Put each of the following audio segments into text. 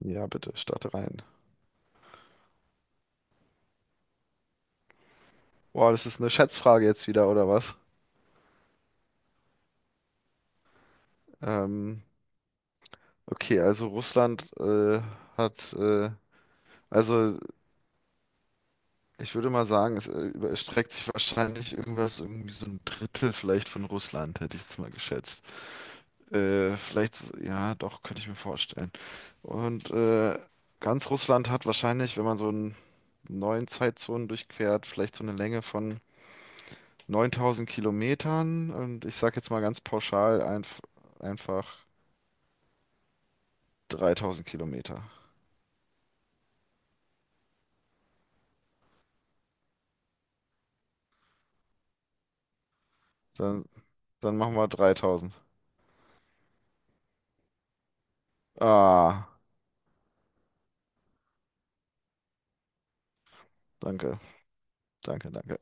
Ja, bitte, starte rein. Boah, das ist eine Schätzfrage jetzt wieder, oder was? Ähm, okay, also Russland hat, also ich würde mal sagen, es überstreckt sich wahrscheinlich irgendwas, irgendwie so ein Drittel vielleicht von Russland, hätte ich jetzt mal geschätzt. Vielleicht, ja, doch, könnte ich mir vorstellen. Und ganz Russland hat wahrscheinlich, wenn man so einen neuen Zeitzonen durchquert, vielleicht so eine Länge von 9000 Kilometern. Und ich sage jetzt mal ganz pauschal einfach. 3000 Kilometer. Dann, dann machen wir 3000. Ah, danke, danke, danke.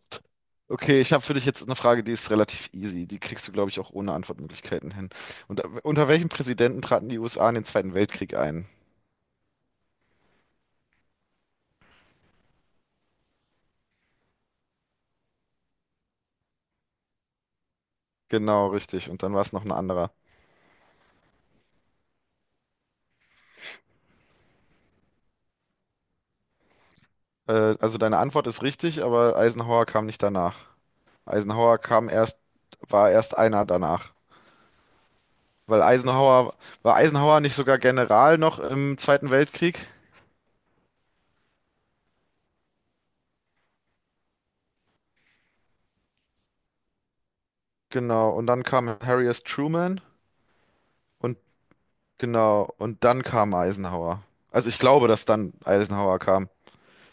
Okay, ich habe für dich jetzt eine Frage, die ist relativ easy. Die kriegst du, glaube ich, auch ohne Antwortmöglichkeiten hin. Und unter welchem Präsidenten traten die USA in den Zweiten Weltkrieg ein? Genau, richtig. Und dann war es noch ein anderer. Also deine Antwort ist richtig, aber Eisenhower kam nicht danach. Eisenhower kam erst, war erst einer danach. Weil Eisenhower, War Eisenhower nicht sogar General noch im Zweiten Weltkrieg? Genau, und dann kam Harry S. Truman. Und genau, und dann kam Eisenhower. Also ich glaube, dass dann Eisenhower kam.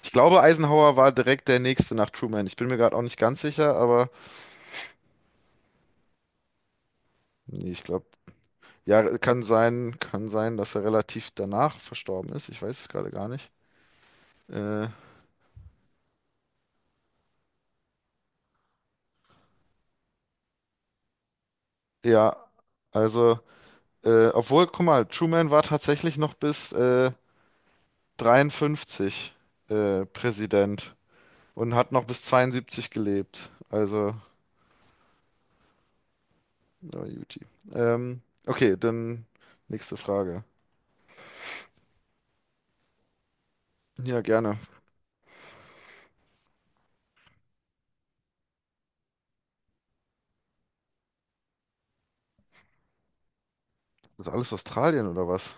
Ich glaube, Eisenhower war direkt der nächste nach Truman. Ich bin mir gerade auch nicht ganz sicher, aber nee, ich glaube, ja, kann sein, dass er relativ danach verstorben ist. Ich weiß es gerade gar nicht. Äh, ja, also, obwohl, guck mal, Truman war tatsächlich noch bis 53 Präsident und hat noch bis 72 gelebt. Also, na, Juti. Ähm, okay, dann nächste Frage. Ja, gerne. Das ist alles Australien oder was?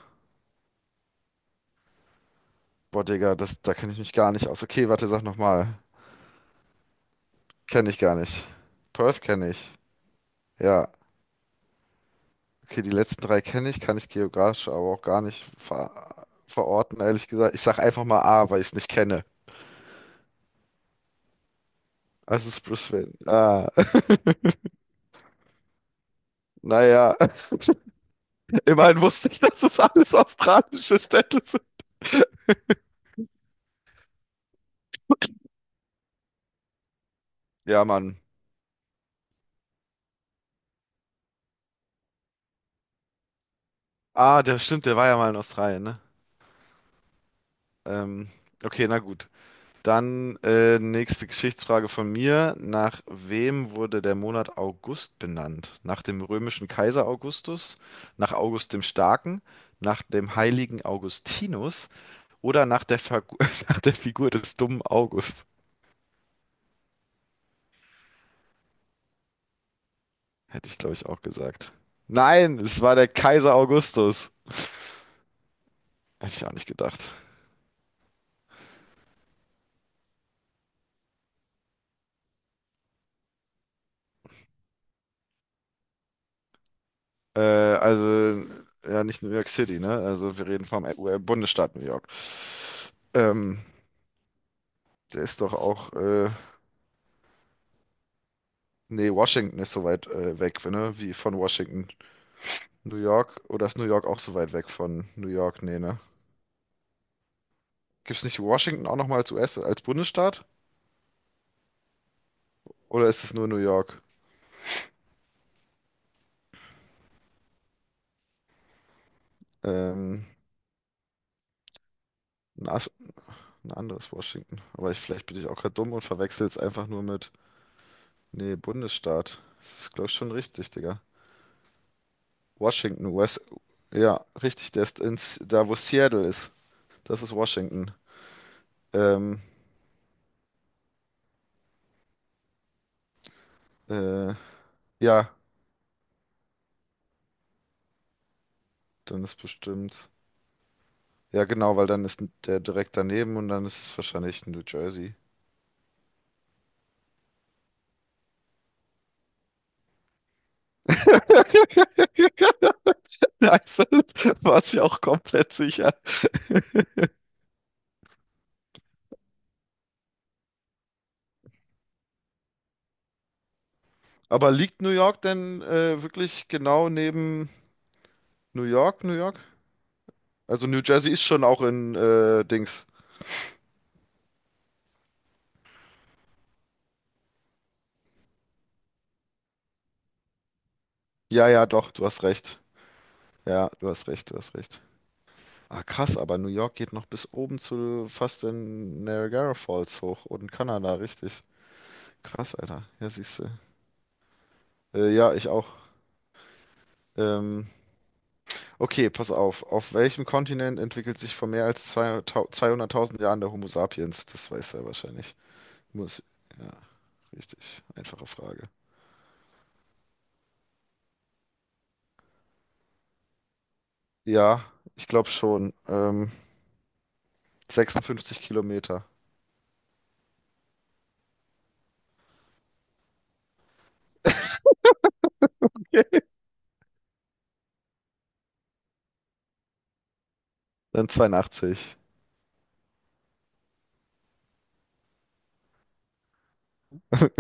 Boah, Digga, da kenne ich mich gar nicht aus. Okay, warte, sag nochmal. Kenne ich gar nicht. Perth kenne ich. Ja. Okay, die letzten drei kenne ich, kann ich geografisch aber auch gar nicht verorten, ehrlich gesagt. Ich sag einfach mal A, weil ich es nicht kenne. Also es ist Brisbane. Ah, naja, immerhin wusste ich, dass es alles australische Städte sind. Ja, Mann. Ah, der stimmt, der war ja mal in Australien, ne? Ähm, okay, na gut. Dann nächste Geschichtsfrage von mir. Nach wem wurde der Monat August benannt? Nach dem römischen Kaiser Augustus, nach August dem Starken, nach dem heiligen Augustinus oder nach nach der Figur des dummen August? Hätte ich, glaube ich, auch gesagt. Nein, es war der Kaiser Augustus. Hätte ich auch nicht gedacht. Also, ja, nicht New York City, ne? Also, wir reden vom Bundesstaat New York. Ähm, Der ist doch auch. Nee, Washington ist so weit weg, ne? Wie von Washington. New York, oder ist New York auch so weit weg von New York? Nee, ne? Gibt's nicht Washington auch nochmal als US, als Bundesstaat? Oder ist es nur New York? Ähm, ein, as- ein anderes Washington. Aber vielleicht bin ich auch gerade dumm und verwechsel es einfach nur mit. Nee, Bundesstaat. Das ist, glaube ich, schon richtig, Digga. Washington, US. Ja, richtig, der ist da, wo Seattle ist. Das ist Washington. Ähm, äh, ja, dann ist bestimmt. Ja, genau, weil dann ist der direkt daneben und dann ist es wahrscheinlich New Jersey. Nice, war es ja auch komplett sicher. Aber liegt New York denn wirklich genau neben New York, New York? Also New Jersey ist schon auch in Dings. Ja, ja, doch, du hast recht. Ja, du hast recht, du hast recht. Ah, krass, aber New York geht noch bis oben zu fast in Niagara Falls hoch und Kanada, richtig. Krass, Alter. Ja, siehst du. Ja, ich auch. Ähm, Okay, pass auf. Auf welchem Kontinent entwickelt sich vor mehr als 200.000 Jahren der Homo sapiens? Das weiß er wahrscheinlich. Muss. Ja, richtig. Einfache Frage. Ja, ich glaube schon. 56 Kilometer. Dann 82.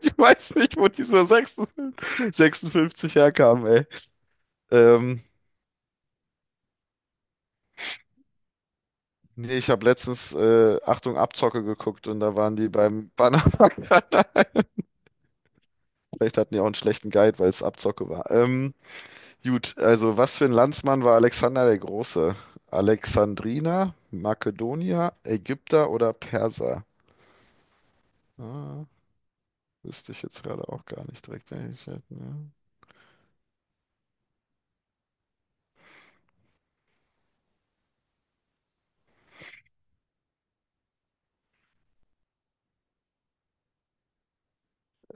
Ich weiß nicht, wo diese 56 herkamen, ey. Ähm, Nee, ich habe letztens, Achtung, Abzocke geguckt und da waren die beim Panama-Kanal. Vielleicht hatten die auch einen schlechten Guide, weil es Abzocke war. Gut, also was für ein Landsmann war Alexander der Große? Alexandriner, Makedonier, Ägypter oder Perser? Ah, wüsste ich jetzt gerade auch gar nicht direkt. Wenn ich hätte, ne?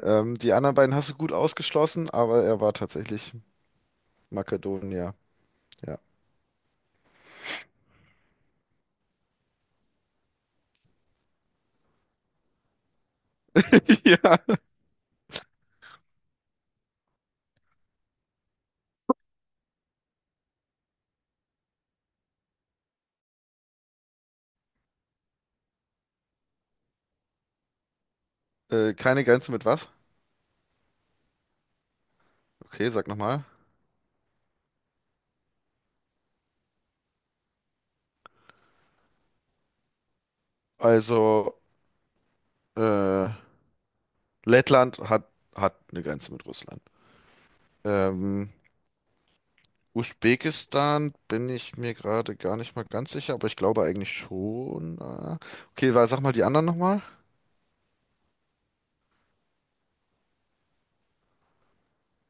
Die anderen beiden hast du gut ausgeschlossen, aber er war tatsächlich Makedonier. Ja. Ja. Keine Grenze mit was? Okay, sag nochmal. Also, äh, Lettland hat eine Grenze mit Russland. Ähm, Usbekistan bin ich mir gerade gar nicht mal ganz sicher, aber ich glaube eigentlich schon. Okay, sag mal die anderen nochmal.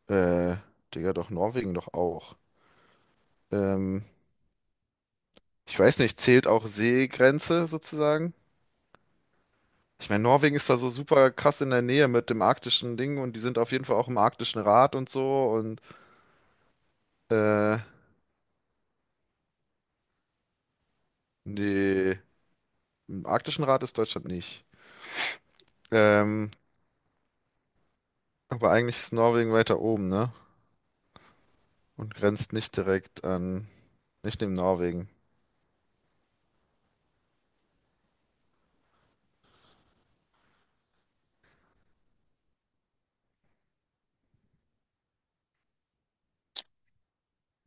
Äh, Digga, doch, Norwegen doch auch. Ähm, Ich weiß nicht, zählt auch Seegrenze sozusagen? Ich meine, Norwegen ist da so super krass in der Nähe mit dem arktischen Ding und die sind auf jeden Fall auch im arktischen Rat und so und äh, nee, im arktischen Rat ist Deutschland nicht. Ähm, aber eigentlich ist Norwegen weiter oben, ne? Und grenzt nicht direkt an, nicht neben Norwegen.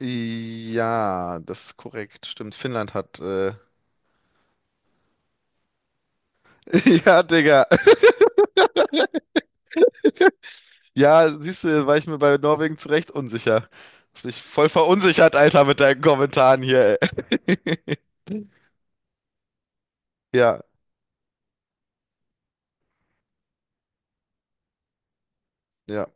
Ja, das ist korrekt. Stimmt, Finnland hat. Ja, Digga. Ja, siehst du, war ich mir bei Norwegen zu Recht unsicher. Hast mich voll verunsichert, Alter, mit deinen Kommentaren hier, ey. Ja, ja.